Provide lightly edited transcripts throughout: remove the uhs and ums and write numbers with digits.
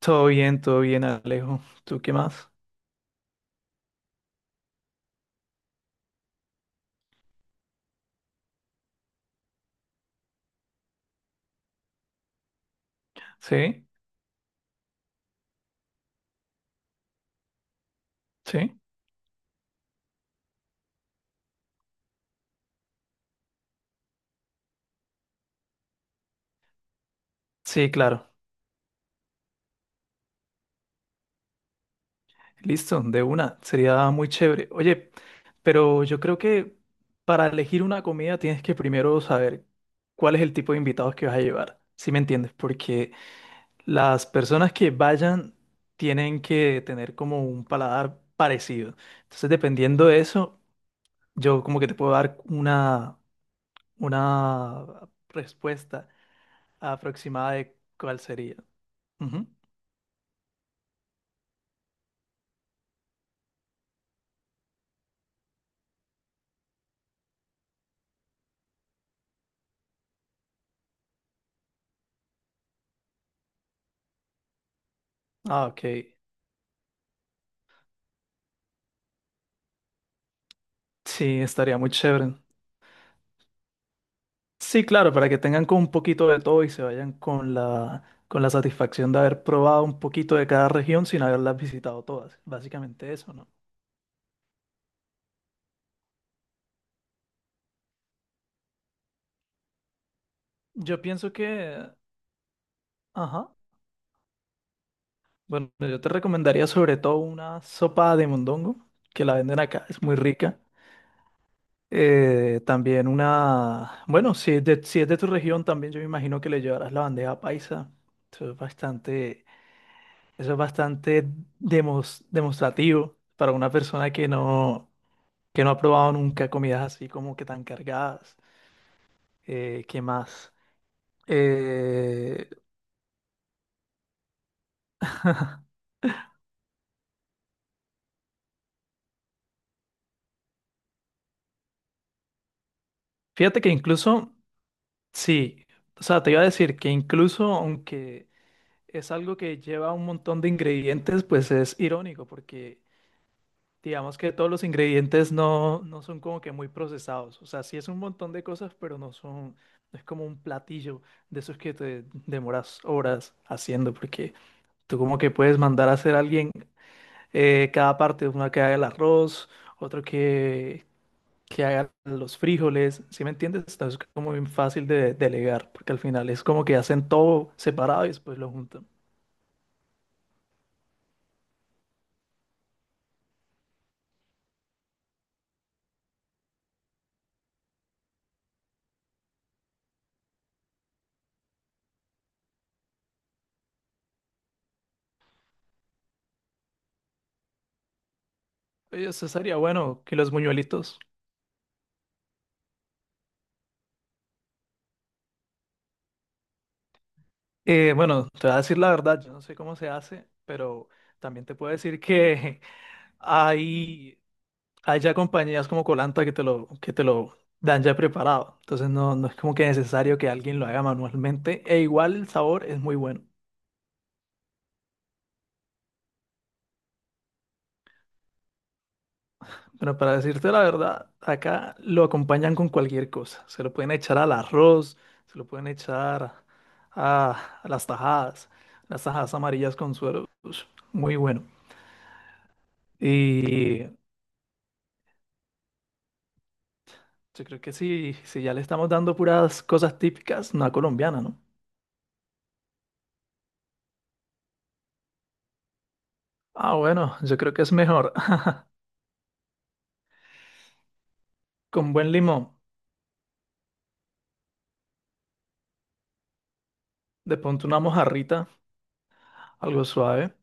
Todo bien, Alejo. ¿Tú qué más? ¿Sí? ¿Sí? Sí, claro. Listo, de una. Sería muy chévere. Oye, pero yo creo que para elegir una comida tienes que primero saber cuál es el tipo de invitados que vas a llevar. ¿Sí me entiendes? Porque las personas que vayan tienen que tener como un paladar parecido. Entonces, dependiendo de eso, yo como que te puedo dar una respuesta aproximada de cuál sería. Ujú. Ah, ok. Sí, estaría muy chévere. Sí, claro, para que tengan con un poquito de todo y se vayan con con la satisfacción de haber probado un poquito de cada región sin haberlas visitado todas. Básicamente eso, ¿no? Yo pienso que, ajá. Bueno, yo te recomendaría sobre todo una sopa de mondongo, que la venden acá, es muy rica. También una, bueno, si es de tu región, también yo me imagino que le llevarás la bandeja paisa. Eso es bastante Eso es bastante demostrativo para una persona que no ha probado nunca comidas así como que tan cargadas. ¿Qué más? Eh, fíjate que incluso, sí, o sea, te iba a decir que incluso aunque es algo que lleva un montón de ingredientes, pues es irónico porque digamos que todos los ingredientes no son como que muy procesados. O sea, sí es un montón de cosas, no es como un platillo de esos que te demoras horas haciendo, porque tú como que puedes mandar a hacer a alguien cada parte, uno que haga el arroz, otro que, que haga los frijoles. ¿Sí me entiendes? Entonces es como bien fácil de delegar, porque al final es como que hacen todo separado y después lo juntan. Oye, eso sería bueno que los buñuelitos. Bueno, te voy a decir la verdad, yo no sé cómo se hace, pero también te puedo decir que hay, hay ya compañías como Colanta que te lo dan ya preparado. Entonces no es como que necesario que alguien lo haga manualmente. E igual el sabor es muy bueno. Bueno, para decirte la verdad, acá lo acompañan con cualquier cosa. Se lo pueden echar al arroz, se lo pueden echar a las tajadas amarillas con suero. Ush, muy bueno. Y yo creo que sí, si ya le estamos dando puras cosas típicas, una colombiana, ¿no? Ah, bueno, yo creo que es mejor. Con buen limón, de pronto una mojarrita, algo suave.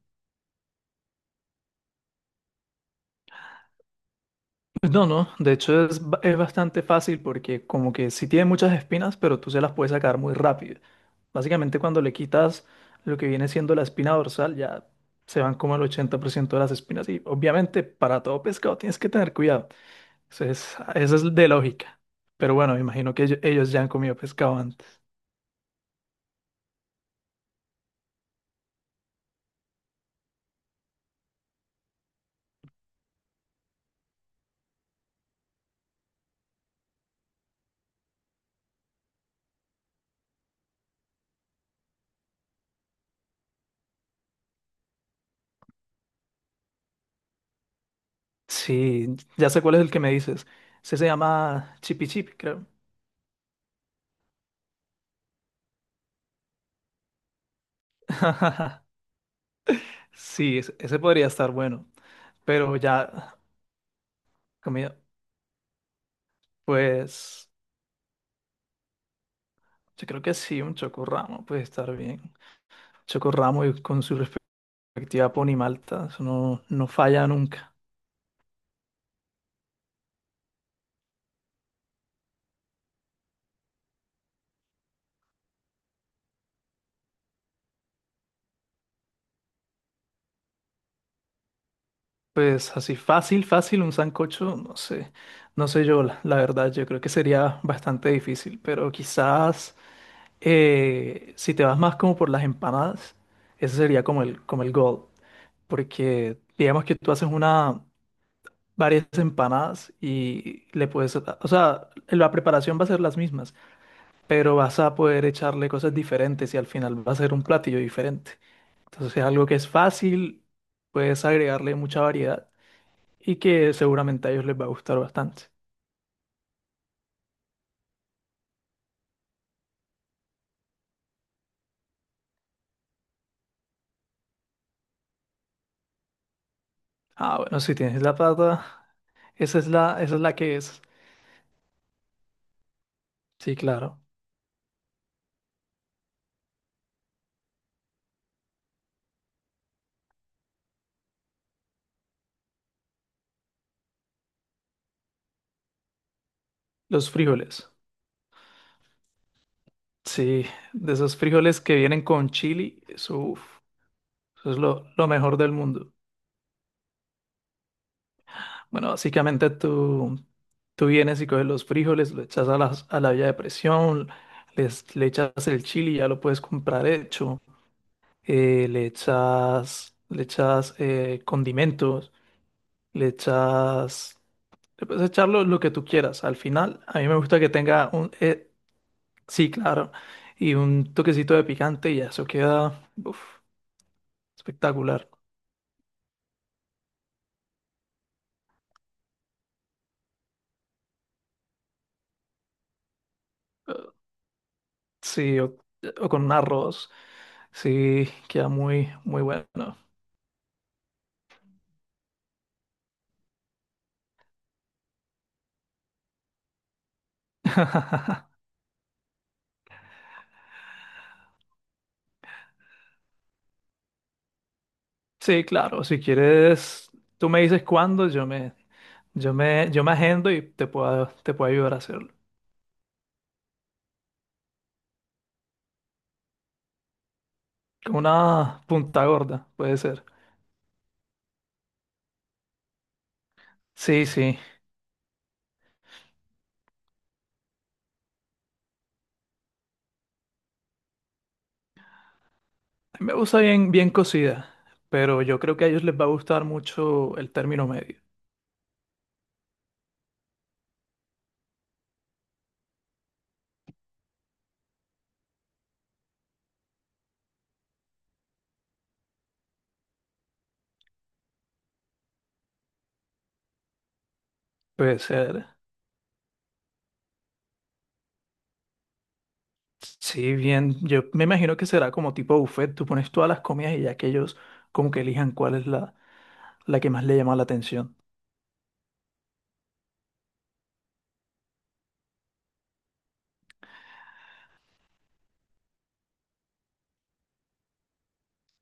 Pues no, no, de hecho es, es bastante fácil porque como que sí tiene muchas espinas, pero tú se las puedes sacar muy rápido. Básicamente cuando le quitas lo que viene siendo la espina dorsal, ya se van como el 80% de las espinas. Y obviamente para todo pescado tienes que tener cuidado. Eso es de lógica. Pero bueno, me imagino que ellos ya han comido pescado antes. Sí, ya sé cuál es el que me dices. Ese se llama Chipi Chip, creo. Sí, ese podría estar bueno. Pero ya, comida, pues yo creo que sí, un chocorramo puede estar bien. Chocorramo y con su respectiva ponimalta, eso no falla nunca. Pues así fácil, fácil, un sancocho, no sé, no sé yo, la verdad, yo creo que sería bastante difícil, pero quizás. Si te vas más como por las empanadas, ese sería como como el goal, porque digamos que tú haces una, varias empanadas y le puedes, o sea, la preparación va a ser las mismas, pero vas a poder echarle cosas diferentes y al final va a ser un platillo diferente. Entonces es algo que es fácil, puedes agregarle mucha variedad y que seguramente a ellos les va a gustar bastante. Ah, bueno, si tienes la plata, esa es esa es la que es. Sí, claro, los frijoles. Sí, de esos frijoles que vienen con chili, eso, uf, eso es lo mejor del mundo. Bueno, básicamente tú, tú vienes y coges los frijoles, lo echas a la olla de presión, le echas el chili, ya lo puedes comprar hecho, le echas condimentos, le echas, le puedes echar lo que tú quieras. Al final, a mí me gusta que tenga un, sí, claro, y un toquecito de picante y ya, eso queda, uf, espectacular. Sí, o con arroz. Sí, queda muy, muy bueno. Sí, claro, si quieres, tú me dices cuándo, yo me agendo y te puedo ayudar a hacerlo. Con una punta gorda, puede ser. Sí, sí. A mí me gusta bien, bien cocida, pero yo creo que a ellos les va a gustar mucho el término medio. Puede ser. Sí, bien. Yo me imagino que será como tipo buffet. Tú pones todas las comidas y ya que ellos como que elijan cuál es la, la que más le llama la atención.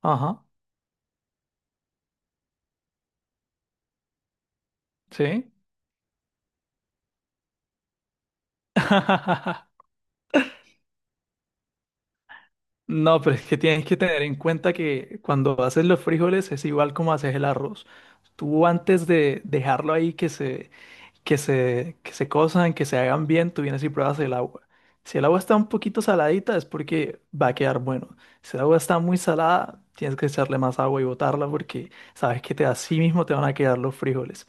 Ajá, sí. No, pero es que tienes que tener en cuenta que cuando haces los frijoles es igual como haces el arroz. Tú antes de dejarlo ahí que se cosan que se hagan bien, tú vienes y pruebas el agua. Si el agua está un poquito saladita es porque va a quedar bueno. Si el agua está muy salada, tienes que echarle más agua y botarla porque sabes que te, así mismo te van a quedar los frijoles.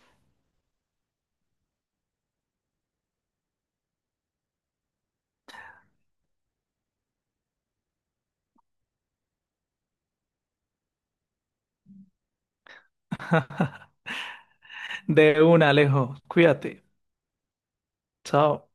De una, Alejo. Cuídate. Chao.